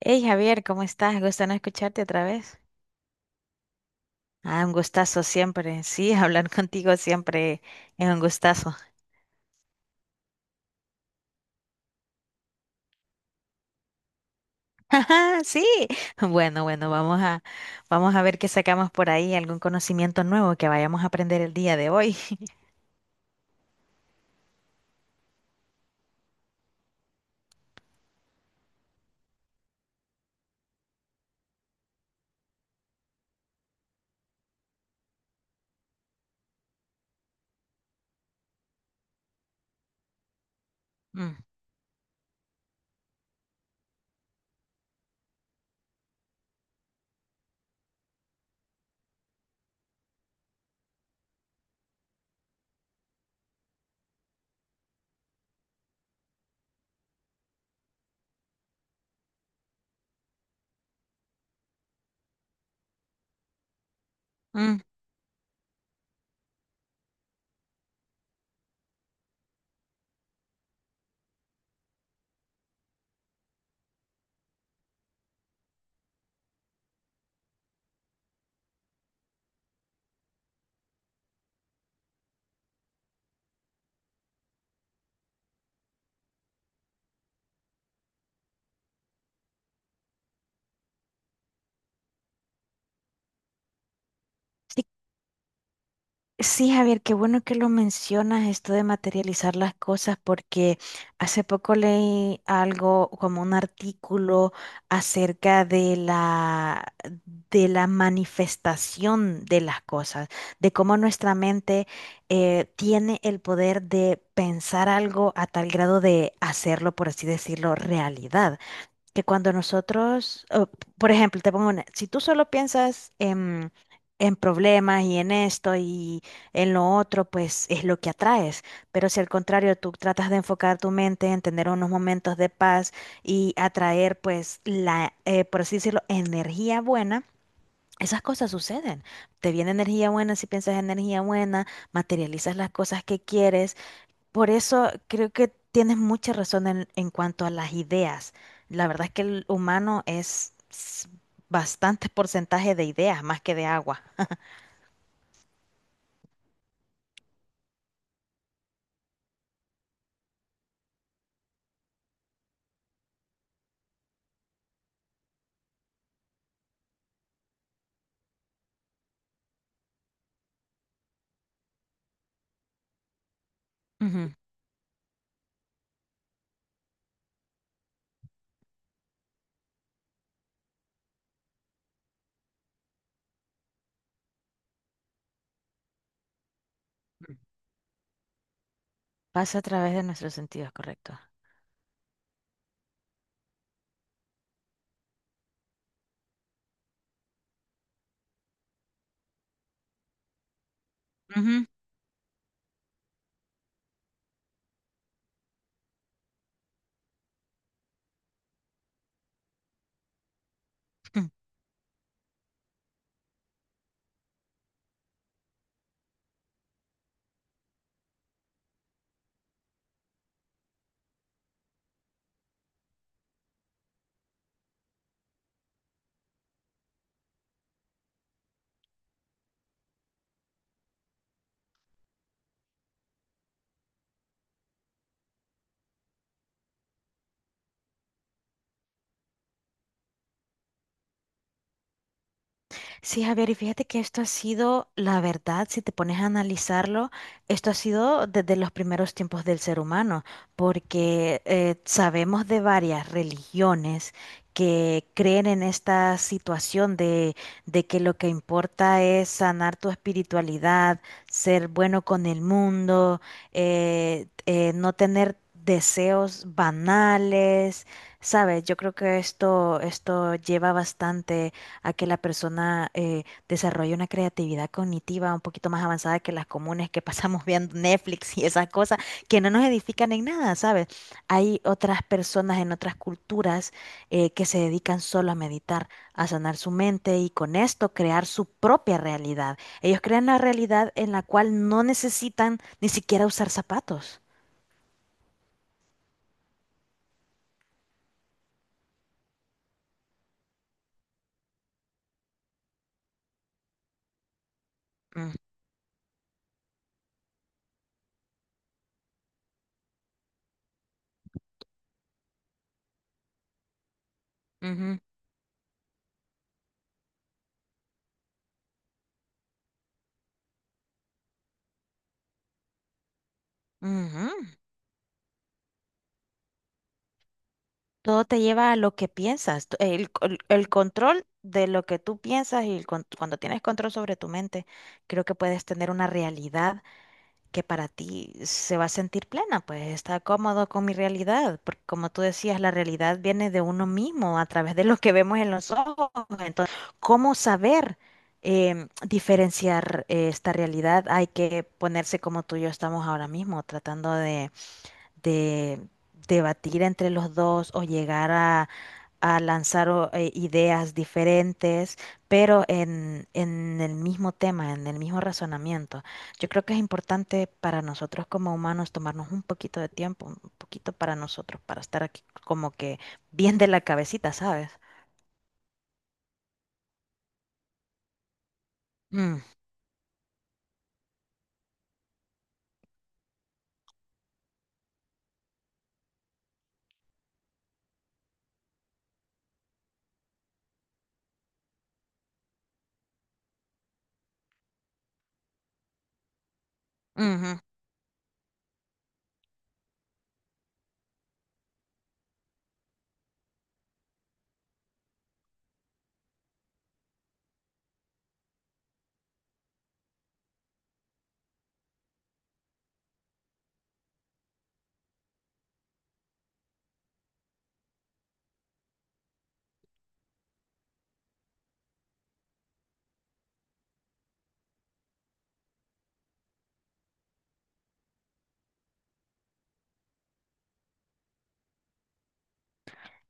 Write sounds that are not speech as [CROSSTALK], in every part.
Hey Javier, ¿cómo estás? Gusto no escucharte otra vez. Ah, un gustazo siempre. Sí, [LAUGHS] hablar contigo siempre es un gustazo. [LAUGHS] Ajá, sí. Bueno, bueno, vamos a ver qué sacamos por ahí, algún conocimiento nuevo que vayamos a aprender el día de hoy. [LAUGHS] Mm, mm. Sí, Javier, qué bueno que lo mencionas, esto de materializar las cosas, porque hace poco leí algo como un artículo acerca de la manifestación de las cosas, de cómo nuestra mente tiene el poder de pensar algo a tal grado de hacerlo, por así decirlo, realidad que cuando nosotros, o, por ejemplo, te pongo una, si tú solo en problemas y en esto y en lo otro, pues es lo que atraes. Pero si al contrario tú tratas de enfocar tu mente en tener unos momentos de paz y atraer, pues, la, por así decirlo, energía buena. Esas cosas suceden. Te viene energía buena si piensas energía buena, materializas las cosas que quieres por eso creo que tienes mucha razón en cuanto a las ideas. La verdad es que el humano bastante porcentaje de ideas más que de agua. Ujú. Pasa a través de nuestros sentidos, correcto. Ujú. [LAUGHS] Sí, Javier, y fíjate que esto ha sido, la verdad, si te pones a analizarlo, esto ha sido desde los primeros tiempos del ser humano, porque sabemos de varias religiones que creen en esta situación de que lo que importa es sanar tu espiritualidad, ser bueno con el mundo, no tener deseos banales, ¿sabes? Yo creo que esto lleva bastante a que la persona desarrolle una creatividad cognitiva un poquito más avanzada que las comunes que pasamos [LAUGHS] viendo Netflix y esas cosas que no nos edifican en nada, ¿sabes? Hay otras personas en otras culturas que se dedican solo a meditar, a sanar su mente y con esto crear su propia realidad. Ellos crean la realidad en la cual no necesitan ni siquiera usar zapatos. Mm, ujú, ujú. Todo te lleva a lo que piensas, el control de lo que tú piensas y el cuando tienes control sobre tu mente, creo que puedes tener una realidad que para ti se va a sentir plena, pues está cómodo con mi realidad, porque como tú decías, la realidad viene de uno mismo a través de lo que vemos en los ojos. Entonces, ¿cómo saber diferenciar esta realidad? Hay que ponerse como tú y yo estamos ahora mismo, tratando de debatir entre los dos o llegar a lanzar ideas diferentes, pero en el mismo tema, en el mismo razonamiento. Yo creo que es importante para nosotros como humanos tomarnos un poquito de tiempo, un poquito para nosotros, para estar aquí como que bien de la cabecita, ¿sabes? Mm.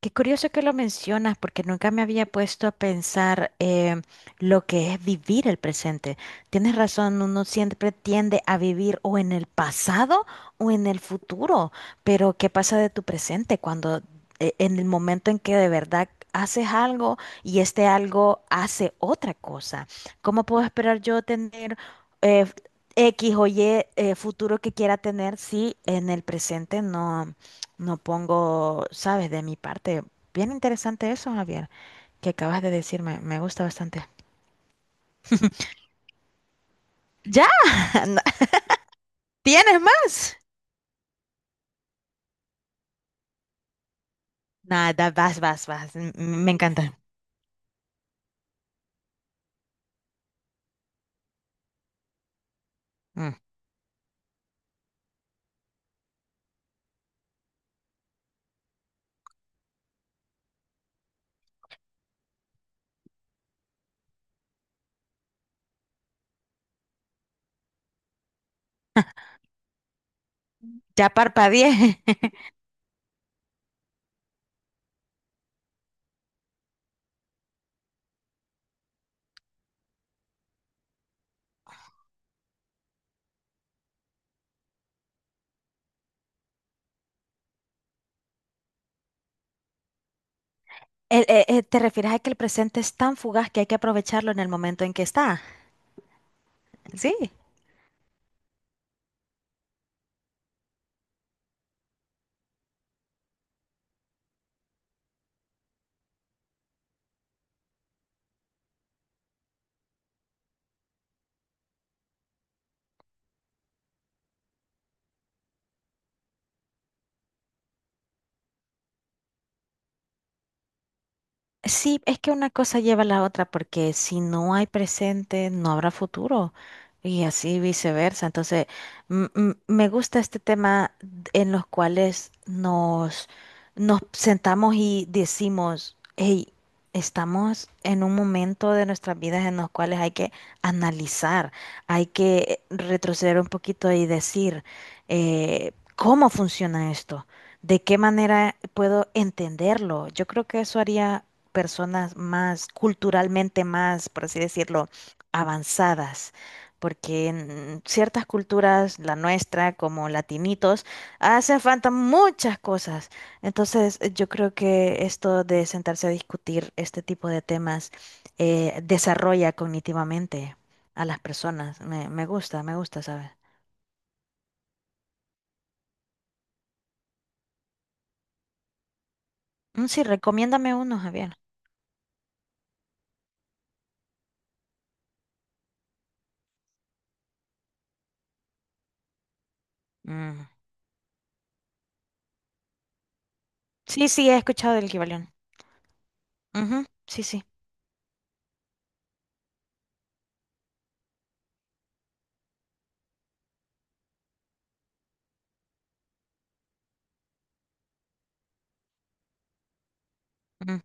Qué curioso que lo mencionas, porque nunca me había puesto a pensar lo que es vivir el presente. Tienes razón, uno siempre tiende a vivir o en el pasado o en el futuro, pero ¿qué pasa de tu presente cuando en el momento en que de verdad haces algo y este algo hace otra cosa? ¿Cómo puedo esperar yo tener eh, X o Y futuro que quiera tener si en el presente no? No pongo, sabes, de mi parte. Bien interesante eso, Javier, que acabas de decirme. Me gusta bastante. ¡Ya! [LAUGHS] No, ¿tienes más? Nada, vas, vas, vas. Me encanta. Mm. Ya parpadeé. [LAUGHS] ¿Te refieres a que el presente es tan fugaz que hay que aprovecharlo en el momento en que está? Sí. Sí, es que una cosa lleva a la otra, porque si no hay presente, no habrá futuro y así viceversa. Entonces, me gusta este tema en los cuales nos sentamos y decimos, hey, estamos en un momento de nuestras vidas en los cuales hay que analizar, hay que retroceder un poquito y decir, ¿cómo funciona esto? ¿De qué manera puedo entenderlo? Yo creo que eso haría personas más culturalmente más, por así decirlo, avanzadas, porque en ciertas culturas, la nuestra como latinitos, hacen falta muchas cosas. Entonces, yo creo que esto de sentarse a discutir este tipo de temas desarrolla cognitivamente a las personas. Me gusta, ¿sabes? Mm, sí, recomiéndame uno, Javier. Mm. Sí, sí, he escuchado del Kibalión. Ujú, sí, sí. Mm.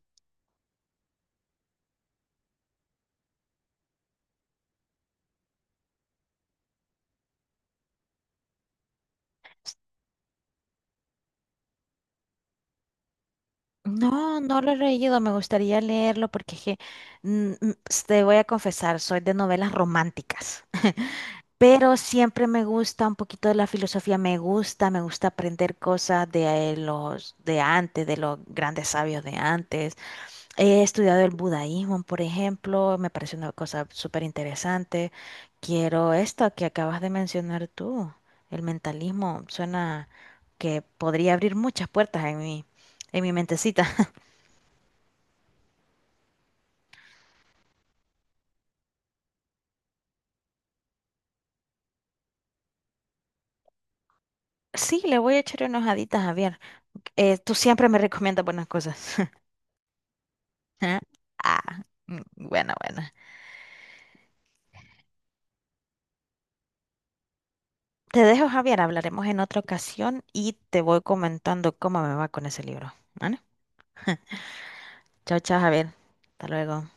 No, no lo he leído, me gustaría leerlo porque es que, mm, mm, te voy a confesar, soy de novelas románticas, pero siempre me gusta un poquito de la filosofía, me gusta aprender cosas de los de antes, de los grandes sabios de antes. He estudiado el budaísmo, por ejemplo, me parece una cosa súper interesante. Quiero esto que acabas de mencionar tú, el mentalismo, suena que podría abrir muchas puertas en en mi mentecita. Sí, le voy a echar unas haditas a ver. Tú siempre me recomiendas buenas cosas. [LAUGHS] Ah, ah, mm, bueno, bueno. Te dejo, Javier. Hablaremos en otra ocasión y te voy comentando cómo me va con ese libro. Bueno, chao, chao, Javier. Hasta luego.